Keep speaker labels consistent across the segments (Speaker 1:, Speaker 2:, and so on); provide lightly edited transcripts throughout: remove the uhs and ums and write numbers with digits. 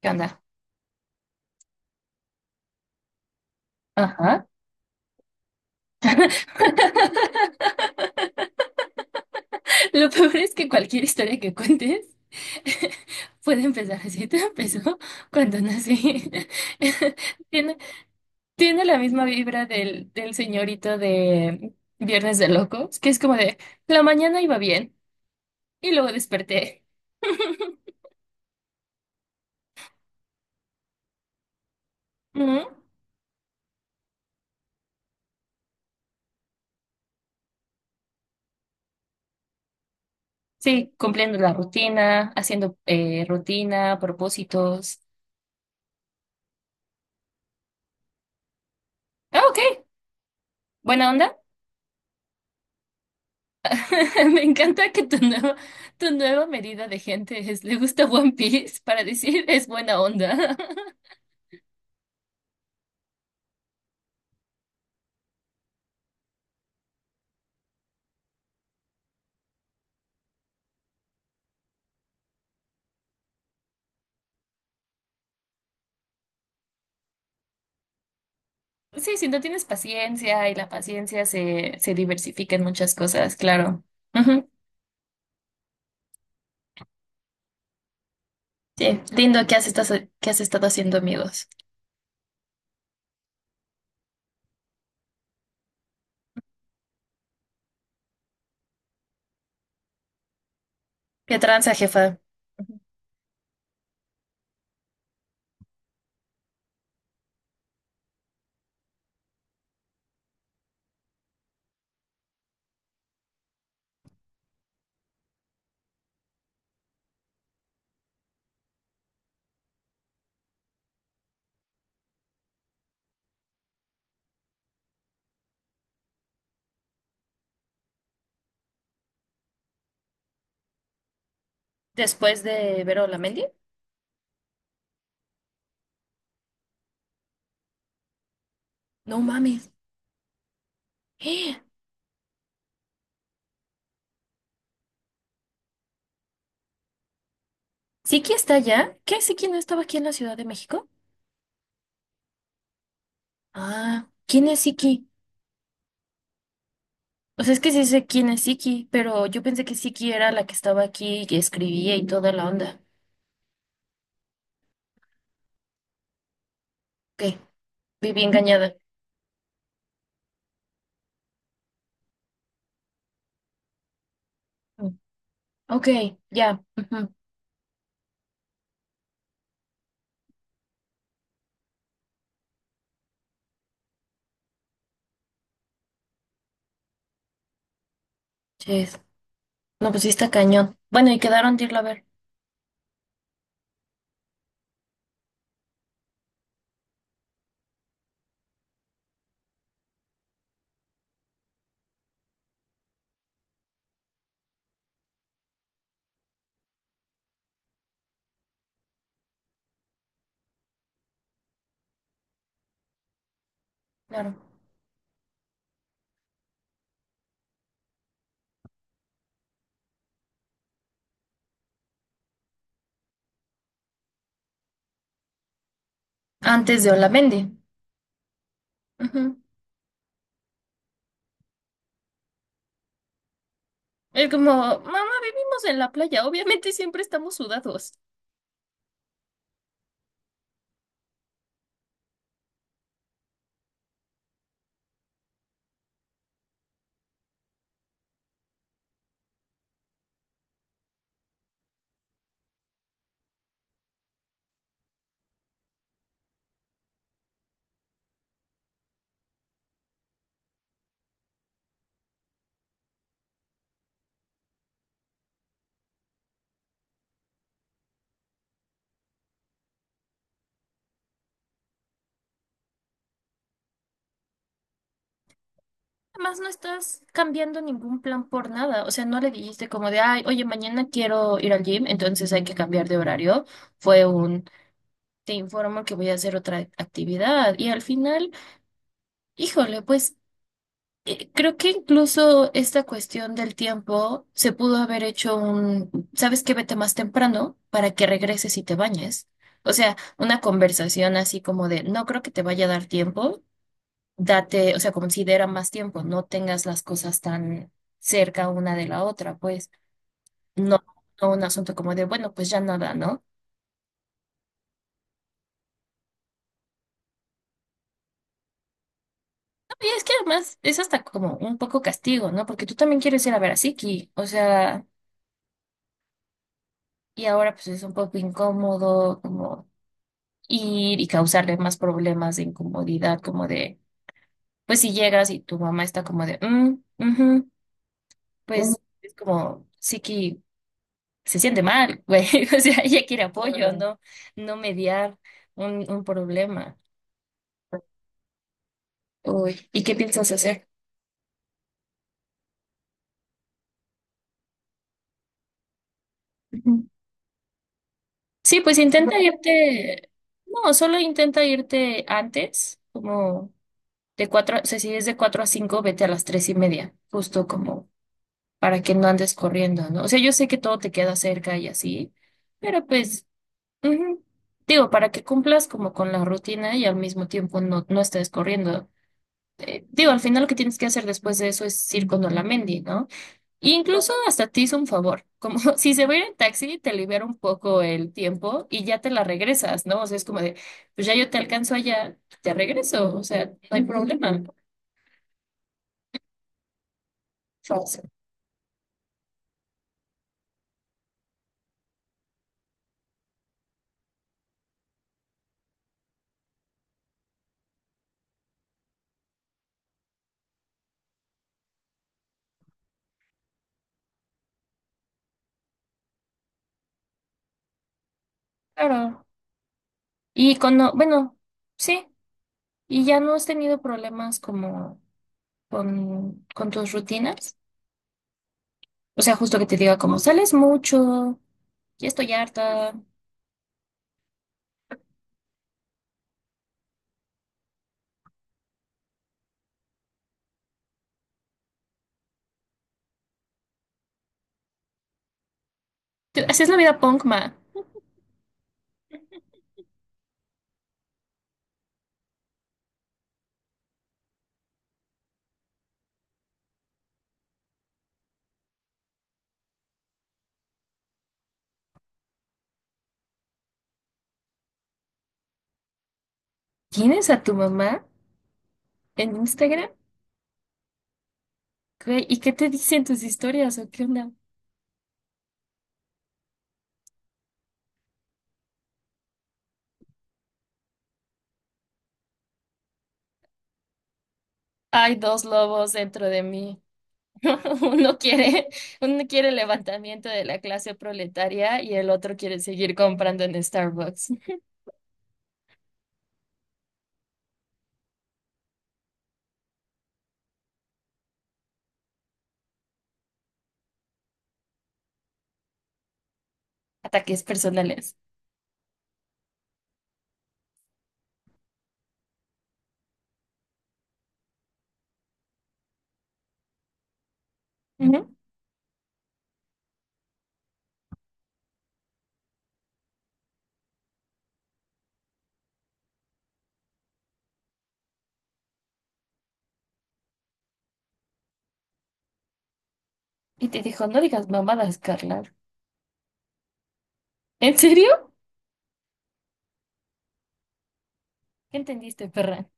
Speaker 1: ¿Qué onda? Ajá. Lo peor es que cualquier historia que cuentes puede empezar así. Todo empezó cuando nací. Tiene, tiene la misma vibra del señorito de Viernes de Locos, que es como de la mañana iba bien y luego desperté. Ujú. Sí, cumpliendo la rutina, haciendo rutina, propósitos. Ah, ok. Buena onda. Me encanta que tu nueva medida de gente es le gusta One Piece para decir es buena onda. Sí, si no tienes paciencia y la paciencia se diversifica en muchas cosas, claro. Ujú. Sí, lindo que has estado haciendo amigos. ¿Qué tranza, jefa? Ujú. Después de ver a Olamendi. ¡No mames! ¡Eh! ¿Siki está allá? ¿Qué? ¿Siki no estaba aquí en la Ciudad de México? Ah, ¿quién es Siki? O sea, es que sí sé quién es Siki, pero yo pensé que Siki era la que estaba aquí y escribía y toda la onda. Ok, viví engañada. Mm, ok, ya. Ujú. Ches. No, pues sí está cañón. Bueno, ¿y quedaron de irla a ver? Claro. Antes de Olamendi. Ujú. Es como, mamá, vivimos en la playa. Obviamente siempre estamos sudados. Además, no estás cambiando ningún plan por nada. O sea, no le dijiste como de, ay, oye, mañana quiero ir al gym, entonces hay que cambiar de horario. Fue un... te informo que voy a hacer otra actividad y al final, híjole, pues creo que incluso esta cuestión del tiempo se pudo haber hecho un, ¿sabes qué? Vete más temprano para que regreses y te bañes. O sea, una conversación así como de, no creo que te vaya a dar tiempo, date, o sea, considera más tiempo, no tengas las cosas tan cerca una de la otra, pues no, no un asunto como de, bueno, pues ya nada, ¿no? Es que además es hasta como un poco castigo, ¿no? Porque tú también quieres ir a ver a Siki, o sea, y ahora pues es un poco incómodo como ir y causarle más problemas de incomodidad, como de, pues si llegas y tu mamá está como de, mm, ujú", mm, pues es como Siki se siente mal, güey, o sea, ella quiere apoyo, mm. ¿No? No mediar un problema. Uy, ¿y qué piensas hacer? Ujú. Sí, pues intenta irte, no, solo intenta irte antes, como... De cuatro, o sea, si es de cuatro a cinco, vete a las tres y media, justo como para que no andes corriendo, ¿no? O sea, yo sé que todo te queda cerca y así, pero pues, ujú, digo, para que cumplas como con la rutina y al mismo tiempo no, no estés corriendo. Digo, al final lo que tienes que hacer después de eso es ir con Olamendi, ¿no? E incluso hasta te hizo un favor, como si se va a ir en taxi, te libera un poco el tiempo y ya te la regresas, ¿no? O sea, es como de, pues ya yo te alcanzo allá, te regreso, o sea, no hay problema. Claro. Y cuando, bueno, sí, y ya no has tenido problemas como con tus rutinas. O sea, justo que te diga como sales mucho, ya estoy harta. Te- Haces la vida punk, ma. ¿Tienes a tu mamá en Instagram? Güey, ¿y qué te dicen tus historias o qué onda? Hay dos lobos dentro de mí. Uno quiere, uno quiere el levantamiento de la clase proletaria y el otro quiere seguir comprando en Starbucks. Ataques personales. Y te dijo, no digas mamadas, Carla. ¿En serio? ¿Qué entendiste, perra?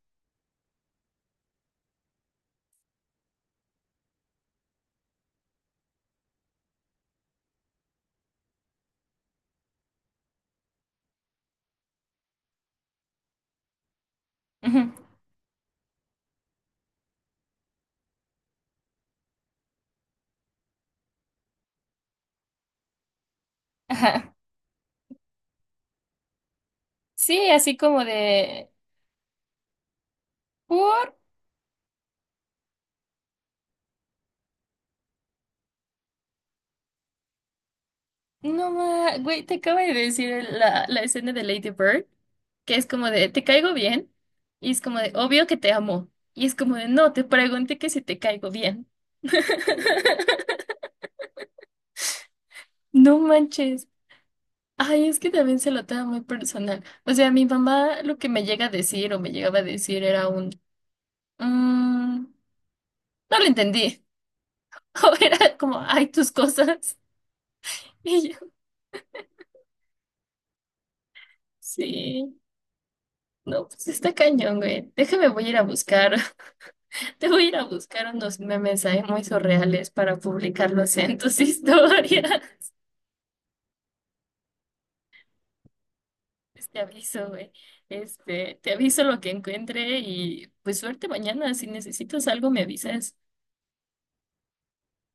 Speaker 1: Ujú. Ajá. Sí, así como de... ¿Por? No, ma... Güey, te acabo de decir el- la escena de Lady Bird, que es como de, te caigo bien. Y es como de, obvio que te amo. Y es como de, no, te pregunté que si te caigo bien. No manches. Ay, es que también se lo toma muy personal. O sea, mi mamá lo que me llega a decir o me llegaba a decir era un... "Mm, no lo entendí. O era como, ay, tus cosas. Y yo, sí. No, pues está cañón, güey. Déjame, voy a ir a buscar. Te voy a ir a buscar unos memes ahí muy surreales para publicarlos en tus historias. Pues te aviso, güey. Este, te aviso lo que encuentre y pues suerte mañana. Si necesitas algo, me avisas.